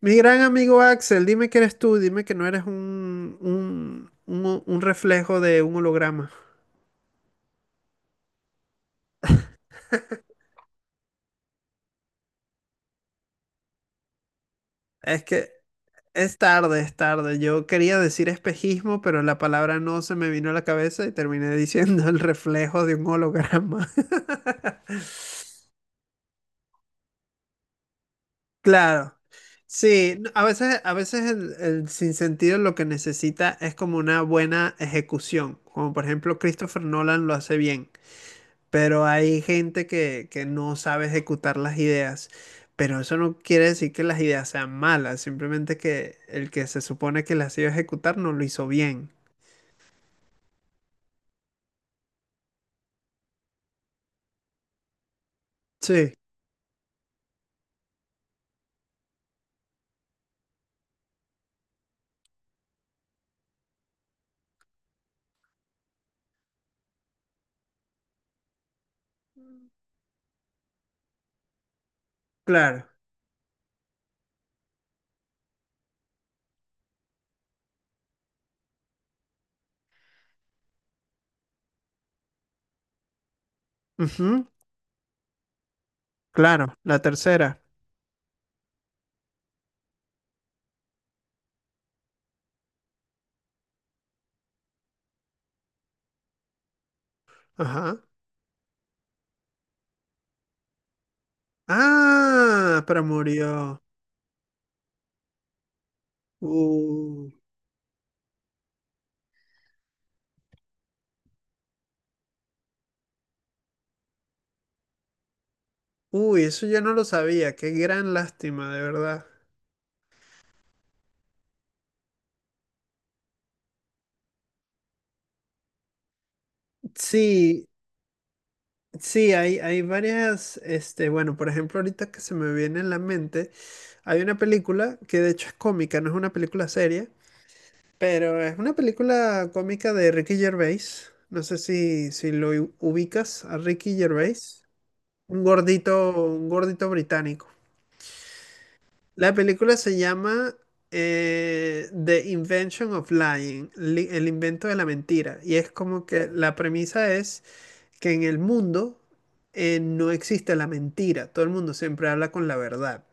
Mi gran amigo Axel, dime que eres tú, dime que no eres un reflejo de un holograma. Es que es tarde, es tarde. Yo quería decir espejismo, pero la palabra no se me vino a la cabeza y terminé diciendo el reflejo de un holograma. Claro. Sí, a veces el sinsentido lo que necesita es como una buena ejecución, como por ejemplo Christopher Nolan lo hace bien. Pero hay gente que no sabe ejecutar las ideas. Pero eso no quiere decir que las ideas sean malas, simplemente que el que se supone que las iba a ejecutar no lo hizo bien. Sí, claro. Ujú, claro, la tercera. Ajá. Ah, pero murió. Uh, uy, eso yo no lo sabía. Qué gran lástima, de verdad. Sí, sí, hay varias, este, bueno, por ejemplo, ahorita que se me viene en la mente, hay una película que de hecho es cómica, no es una película seria, pero es una película cómica de Ricky Gervais. No sé si, si lo ubicas a Ricky Gervais, un gordito británico. La película se llama The Invention of Lying, el invento de la mentira, y es como que la premisa es que en el mundo no existe la mentira, todo el mundo siempre habla con la verdad.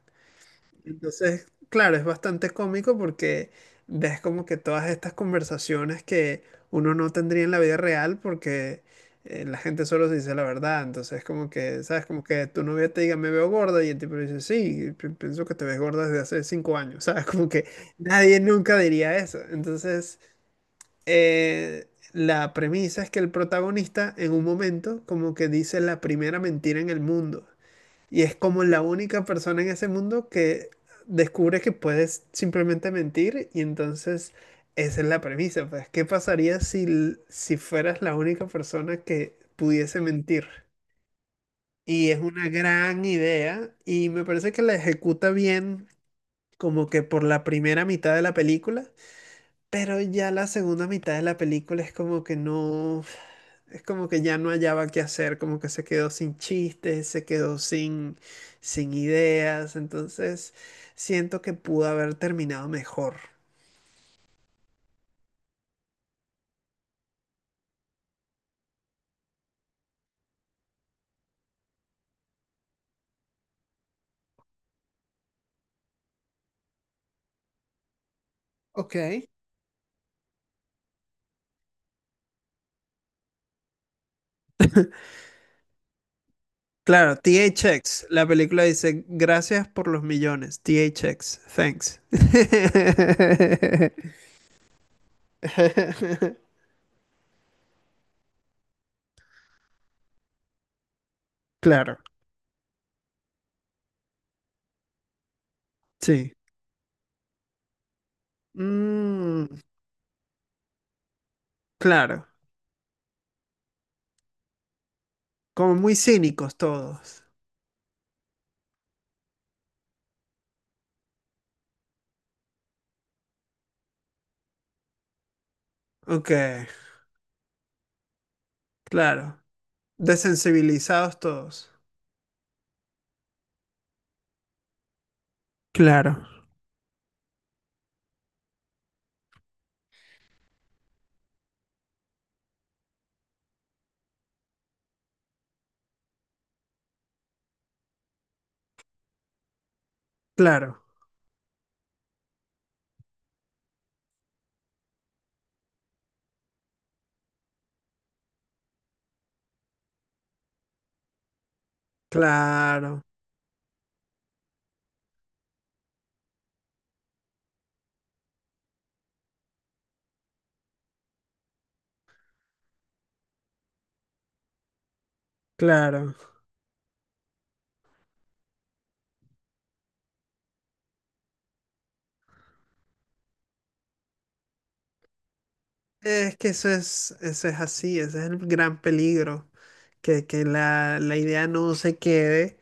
Entonces, claro, es bastante cómico porque ves como que todas estas conversaciones que uno no tendría en la vida real porque la gente solo se dice la verdad. Entonces, como que, ¿sabes? Como que tu novia te diga, me veo gorda y el tipo le dice, sí, pienso que te ves gorda desde hace cinco años, ¿sabes? Como que nadie nunca diría eso. Entonces la premisa es que el protagonista en un momento como que dice la primera mentira en el mundo y es como la única persona en ese mundo que descubre que puedes simplemente mentir y entonces esa es la premisa, pues, ¿qué pasaría si, si fueras la única persona que pudiese mentir? Y es una gran idea y me parece que la ejecuta bien como que por la primera mitad de la película. Pero ya la segunda mitad de la película es como que no, es como que ya no hallaba qué hacer, como que se quedó sin chistes, se quedó sin, sin ideas, entonces siento que pudo haber terminado mejor. Ok. Claro, THX, la película dice, gracias por los millones, THX, thanks. Claro, sí. Mm, claro, como muy cínicos todos. Ok, claro. Desensibilizados todos. Claro. Claro, claro, claro. Es que eso es así, ese es el gran peligro, que la, la idea no se quede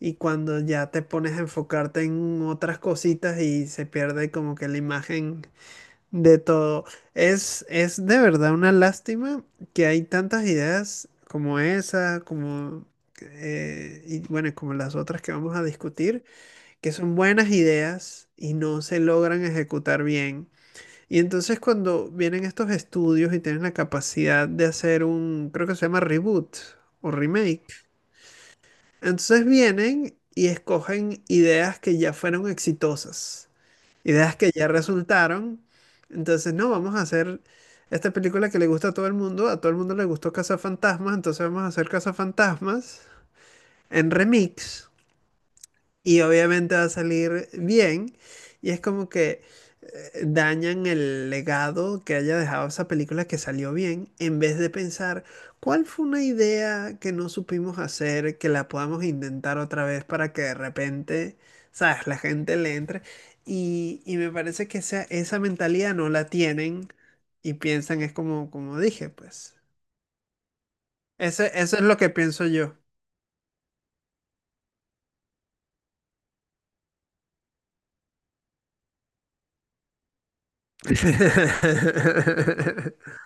y cuando ya te pones a enfocarte en otras cositas y se pierde como que la imagen de todo. Es de verdad una lástima que hay tantas ideas como esa, como, y bueno, como las otras que vamos a discutir que son buenas ideas y no se logran ejecutar bien. Y entonces cuando vienen estos estudios y tienen la capacidad de hacer un, creo que se llama reboot o remake, entonces vienen y escogen ideas que ya fueron exitosas, ideas que ya resultaron. Entonces, no, vamos a hacer esta película que le gusta a todo el mundo, a todo el mundo le gustó Cazafantasmas, entonces vamos a hacer Cazafantasmas en remix y obviamente va a salir bien. Y es como que dañan el legado que haya dejado esa película que salió bien, en vez de pensar cuál fue una idea que no supimos hacer, que la podamos intentar otra vez para que de repente, sabes, la gente le entre. Y me parece que esa mentalidad no la tienen y piensan, es como, como dije, pues. Eso es lo que pienso yo.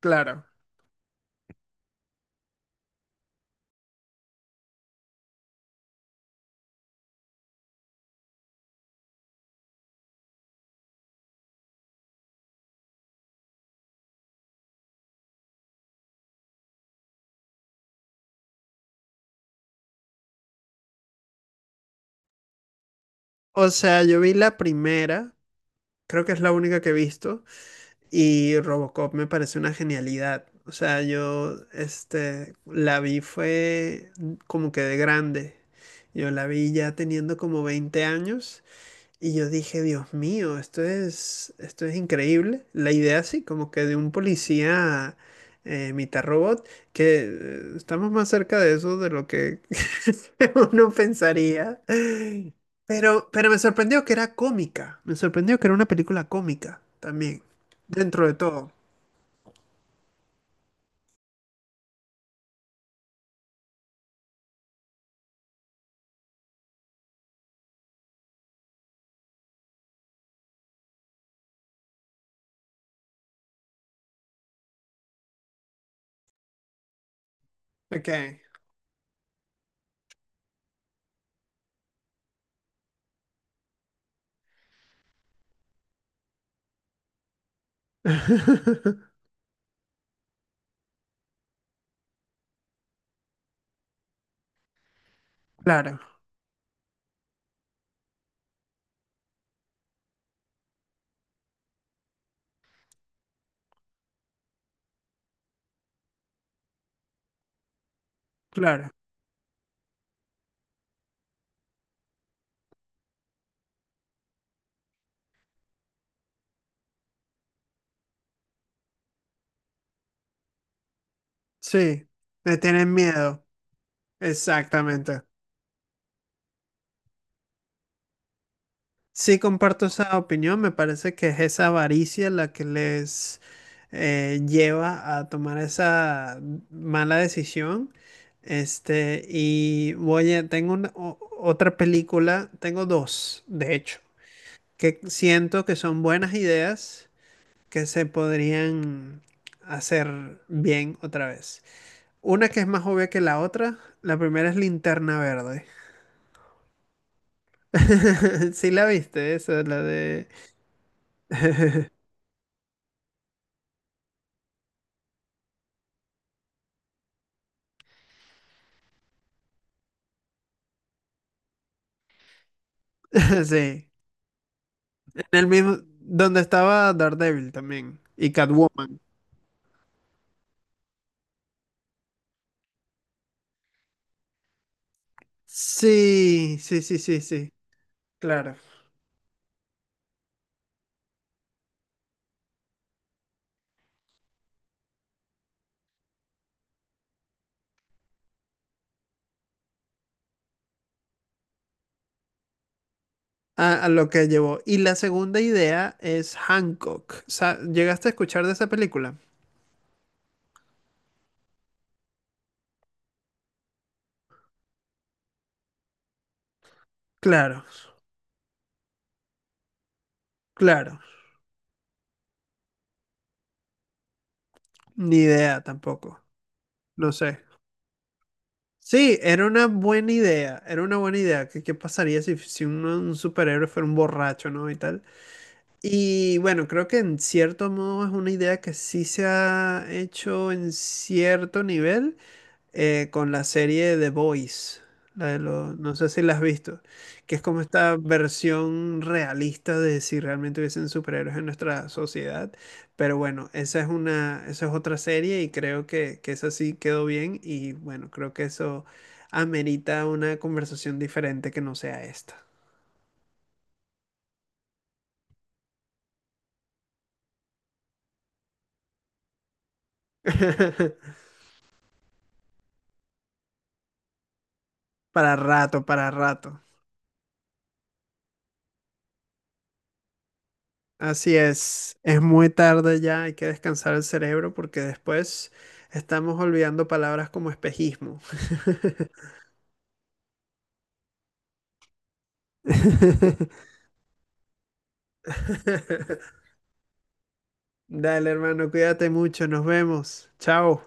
Claro. O sea, yo vi la primera, creo que es la única que he visto, y Robocop me parece una genialidad. O sea, yo este, la vi fue como que de grande. Yo la vi ya teniendo como 20 años y yo dije, Dios mío, esto es increíble. La idea sí, como que de un policía mitad robot, que estamos más cerca de eso de lo que uno pensaría. Pero me sorprendió que era cómica. Me sorprendió que era una película cómica también, dentro de todo. Ok. Claro, claro. Sí, le tienen miedo. Exactamente. Sí, comparto esa opinión. Me parece que es esa avaricia la que les lleva a tomar esa mala decisión. Este, y oye, tengo otra película, tengo dos, de hecho, que siento que son buenas ideas que se podrían hacer bien otra vez. Una que es más obvia que la otra, la primera es Linterna Verde. Sí la viste, esa, la de... Sí. En el mismo, donde estaba Daredevil también y Catwoman. Sí, sí, sí, sí, sí, claro. A lo que llevó. Y la segunda idea es Hancock. ¿Llegaste a escuchar de esa película? Claro, claro. Ni idea tampoco. No sé. Sí, era una buena idea. Era una buena idea. ¿Qué, qué pasaría si, si un, un superhéroe fuera un borracho, ¿no? Y tal. Y bueno, creo que en cierto modo es una idea que sí se ha hecho en cierto nivel. Con la serie The Boys. No sé si la has visto, que es como esta versión realista de si realmente hubiesen superhéroes en nuestra sociedad. Pero bueno, esa es una, esa es otra serie y creo que esa sí quedó bien y bueno, creo que eso amerita una conversación diferente que no sea esta. Para rato, para rato. Así es muy tarde ya, hay que descansar el cerebro porque después estamos olvidando palabras como espejismo. Dale, hermano, cuídate mucho, nos vemos. Chao.